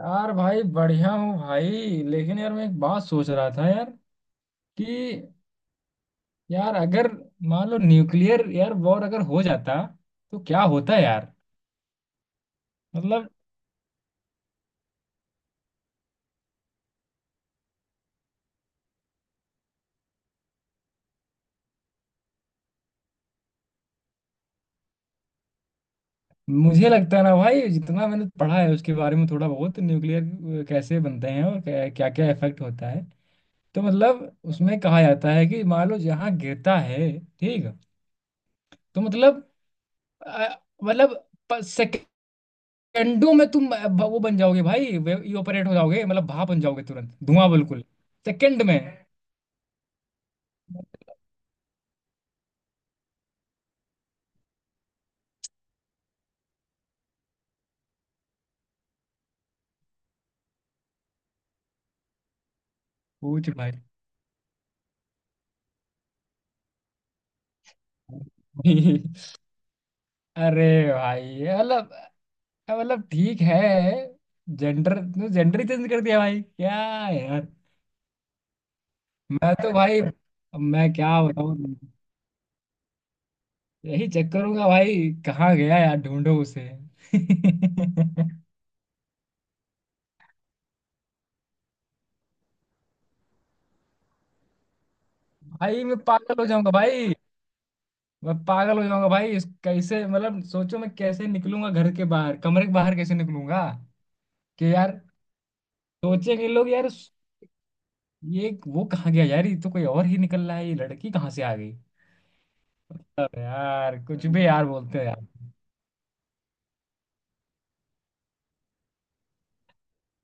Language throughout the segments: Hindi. यार भाई बढ़िया हूँ भाई। लेकिन यार मैं एक बात सोच रहा था यार कि यार अगर मान लो न्यूक्लियर यार वॉर अगर हो जाता तो क्या होता यार। मतलब मुझे लगता है ना भाई जितना मैंने पढ़ा है उसके बारे में थोड़ा बहुत न्यूक्लियर कैसे बनते हैं और क्या क्या इफेक्ट होता है। तो मतलब उसमें कहा जाता है कि मान लो जहाँ गिरता है। ठीक। तो मतलब अ, मतलब डंडों में तुम वो बन जाओगे भाई इवापोरेट हो जाओगे मतलब भाप बन जाओगे तुरंत धुआं बिल्कुल। सेकंड में। पूछ भाई। अरे भाई ये मतलब ठीक है। जेंडर जेंडर ही चेंज कर दिया भाई क्या। यार मैं तो भाई मैं क्या बताऊं तुमको? यही चेक करूंगा भाई। कहाँ गया यार ढूंढो उसे। भाई मैं पागल हो जाऊंगा भाई। मैं पागल हो जाऊंगा भाई इस कैसे मतलब सोचो मैं कैसे निकलूंगा घर के बाहर कमरे के बाहर कैसे निकलूंगा। कि यार सोचेंगे लोग यार। ये वो कहाँ गया यार ये तो कोई और ही निकल रहा है ये लड़की कहाँ से आ गई। अब यार कुछ भी यार बोलते हैं यार।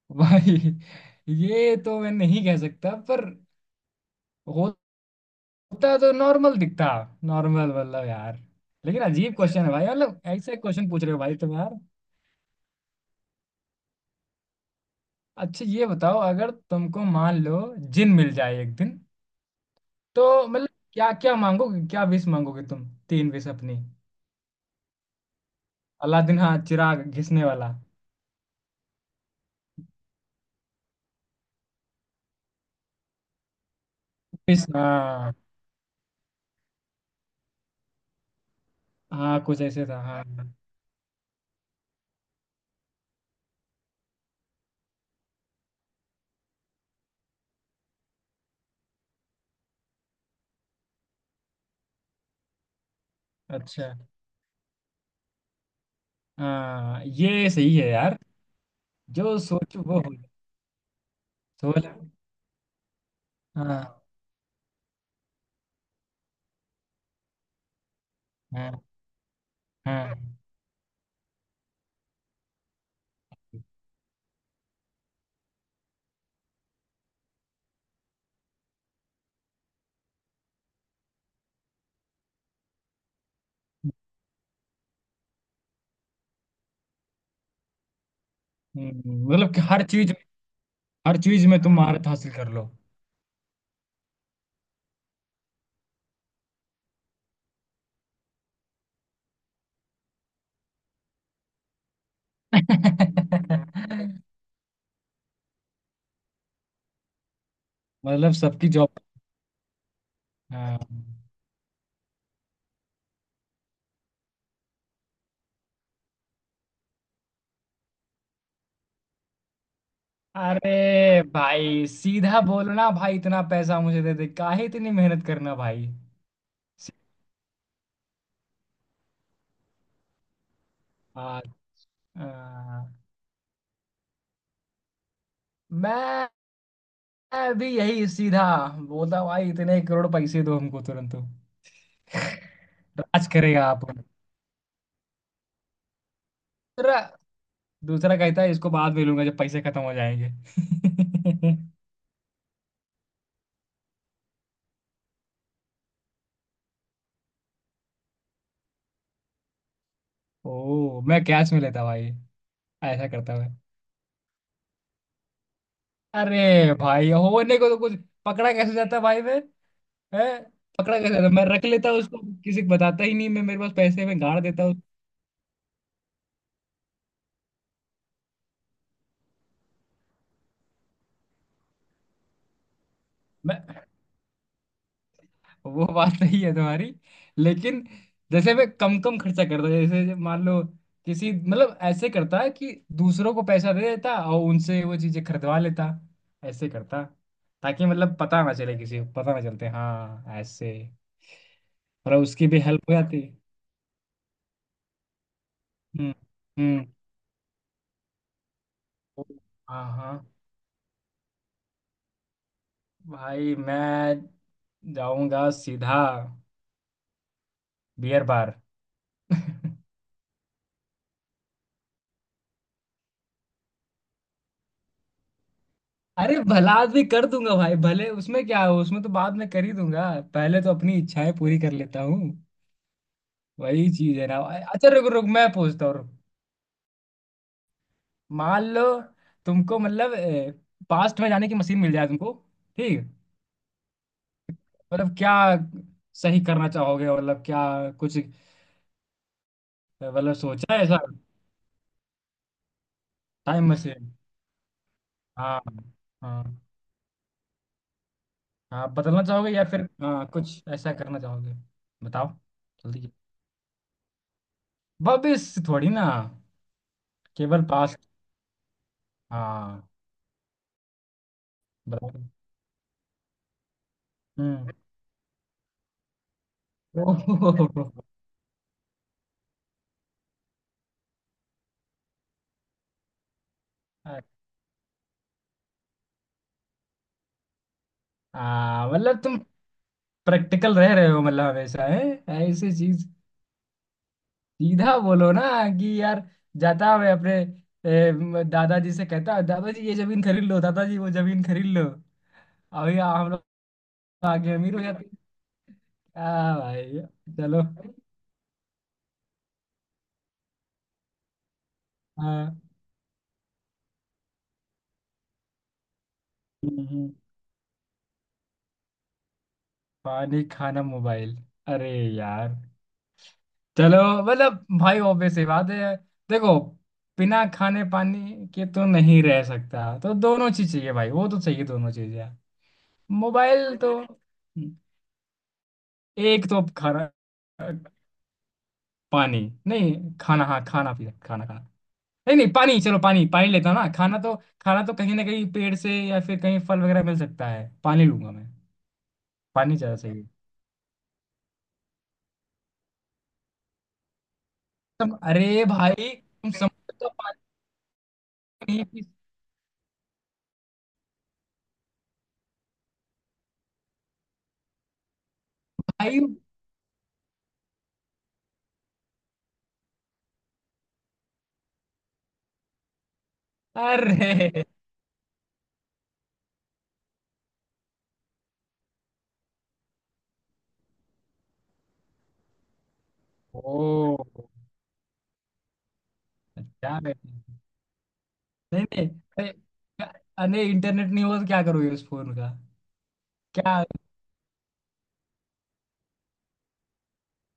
भाई ये तो मैं नहीं कह सकता पर होता तो नॉर्मल दिखता। नॉर्मल मतलब यार। लेकिन अजीब क्वेश्चन है भाई मतलब ऐसे क्वेश्चन पूछ रहे हो भाई तुम यार। अच्छा ये बताओ अगर तुमको मान लो जिन मिल जाए एक दिन। तो मतलब क्या क्या मांगोगे क्या विश मांगोगे तुम। तीन विश अपनी। अलादीन हाँ चिराग घिसने वाला। विश हाँ। हाँ कुछ ऐसे था हाँ हाँ। अच्छा। हाँ ये सही है यार। जो सोचो वो हो। सोच। हाँ। हाँ। हाँ। मतलब कि हर चीज में तुम महारत हासिल कर लो। मतलब सबकी जॉब। हाँ। अरे भाई सीधा बोलना भाई इतना पैसा मुझे दे दे काहे इतनी मेहनत करना भाई। हाँ, अ, मैं भी यही सीधा बोलता हूँ, भाई इतने करोड़ पैसे दो हमको तुरंत तो राज करेगा आप पर।" दूसरा। दूसरा कहता है इसको बाद में लूंगा जब पैसे खत्म हो जाएंगे। ओ मैं कैश में लेता भाई। ऐसा करता मैं। अरे भाई होने को तो कुछ पकड़ा कैसे जाता भाई मैं है। पकड़ा कैसे जाता मैं रख लेता उसको। किसी को बताता ही नहीं मैं मेरे पास पैसे में गाड़ देता हूँ। वो बात सही है तुम्हारी। लेकिन जैसे मैं कम कम खर्चा करता जैसे जब मान लो किसी मतलब ऐसे करता है कि दूसरों को पैसा दे देता और उनसे वो चीजें खरीदवा लेता। ऐसे करता। ताकि मतलब पता ना चले किसी को पता ना चलते हाँ ऐसे। और उसकी भी हेल्प हो जाती। हम्म हम्म। हाँ हाँ भाई मैं जाऊंगा सीधा बियर बार। अरे भला आदमी कर दूंगा भाई भले उसमें क्या हो उसमें तो बाद में कर ही दूंगा। पहले तो अपनी इच्छाएं पूरी कर लेता हूँ। वही चीज है ना। अच्छा रुक रुक मैं पूछता हूँ रुक। मान लो तुमको मतलब पास्ट में जाने की मशीन मिल जाए तुमको। ठीक। मतलब क्या सही करना चाहोगे मतलब क्या कुछ मतलब सोचा है ऐसा। Time machine. हाँ। हाँ हाँ बदलना चाहोगे या फिर हाँ कुछ ऐसा करना चाहोगे। बताओ जल्दी। भविष्य थोड़ी ना। केवल पास्ट। हाँ। बराबर। हम्म। ओहो मतलब तुम प्रैक्टिकल रह रहे हो मतलब हमेशा है ऐसी चीज। सीधा बोलो ना कि यार जाता मैं अपने दादाजी से कहता दादाजी ये जमीन खरीद लो दादाजी वो जमीन खरीद लो। अभी हम लोग आगे अमीर हो जाते हैं। आ भाई। चलो हाँ हम्म, हम्म। पानी खाना मोबाइल। अरे यार चलो मतलब भाई ऑब्वियस सी बात है। देखो बिना खाने पानी के तो नहीं रह सकता तो दोनों चीज चाहिए भाई वो तो चाहिए दोनों चीजें। मोबाइल तो एक तो खाना पानी नहीं खाना हाँ खाना पीना खाना खाना नहीं नहीं पानी चलो पानी पानी लेता हूँ ना खाना तो। खाना तो कहीं ना कहीं पेड़ से या फिर कहीं फल वगैरह मिल सकता है पानी लूंगा मैं। पानी ज्यादा सही है। तुम अरे भाई तुम समझ तो पानी नहीं पी भाई। अरे ओ क्या करते हैं? नहीं नहीं अरे क्या- अरे इंटरनेट नहीं होगा तो क्या करोगे उस फोन का। क्या।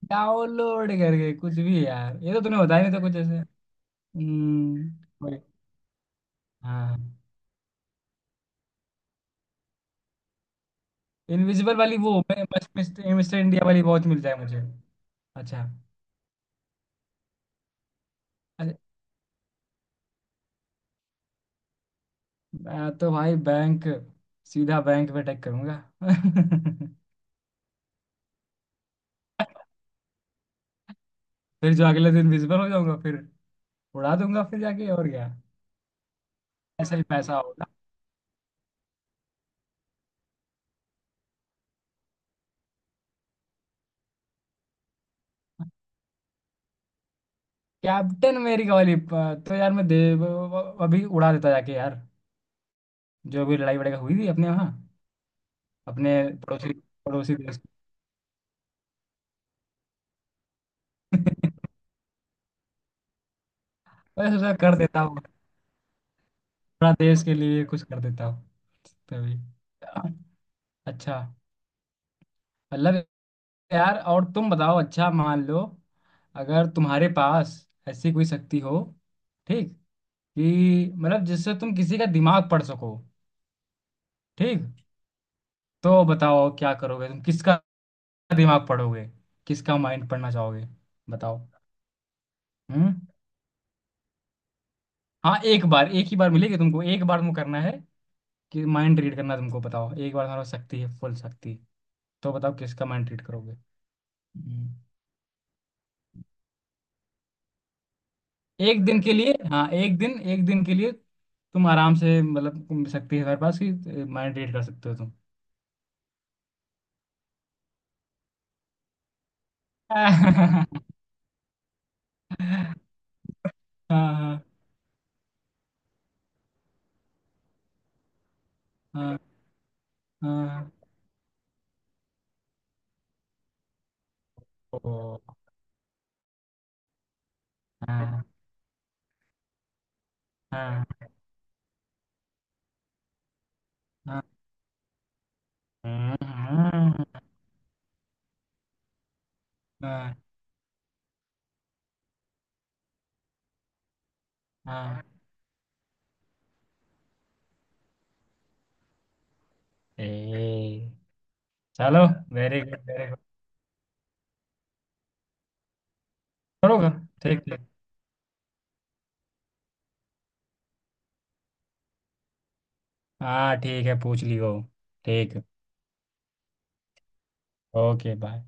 डाउनलोड करके कुछ भी यार ये तो तूने बताया नहीं था कुछ ऐसे। हम्म। वही, हाँ। इनविजिबल वाली वो बस मिस्टर मिस्टर इंडिया वाली वॉच मिल जाए मुझे। अच्छा। अरे मैं तो भाई बैंक सीधा बैंक में अटैक करूंगा। फिर जो अगले दिन विजिबल हो जाऊंगा फिर उड़ा दूंगा फिर जाके और क्या। ऐसा ही पैसा। कैप्टन अमेरिका वाली तो यार मैं दे अभी उड़ा देता जाके यार। जो भी लड़ाई वड़ाई हुई थी अपने यहाँ अपने पड़ोसी पड़ोसी देश में। मैं सोचा कर देता हूँ। थोड़ा देश के लिए कुछ कर देता हूँ तभी। अच्छा मतलब यार और तुम बताओ अच्छा मान लो अगर तुम्हारे पास ऐसी कोई शक्ति हो। ठीक। कि मतलब जिससे तुम किसी का दिमाग पढ़ सको। ठीक। तो बताओ क्या करोगे तुम किसका दिमाग पढ़ोगे किसका माइंड पढ़ना चाहोगे। बताओ। हम्म। हाँ एक बार एक ही बार मिलेगी तुमको एक बार तुमको करना है कि माइंड रीड करना है तुमको बताओ एक बार तुम्हारा शक्ति है फुल शक्ति। तो बताओ किसका माइंड रीड करोगे। हम्म। एक दिन के लिए हाँ एक दिन के लिए तुम आराम से मतलब तुम शक्ति है तुम्हारे पास कि माइंड रीड कर सकते हो तुम। हाँ हाँ हाँ हाँ। ओ, हाँ हाँ हाँ हाँ हाँ हाँ, हाँ। ए चलो वेरी गुड वेरी गुड। करोगे ठीक ठीक। हाँ ठीक है पूछ लियो। ठीक। Okay bye.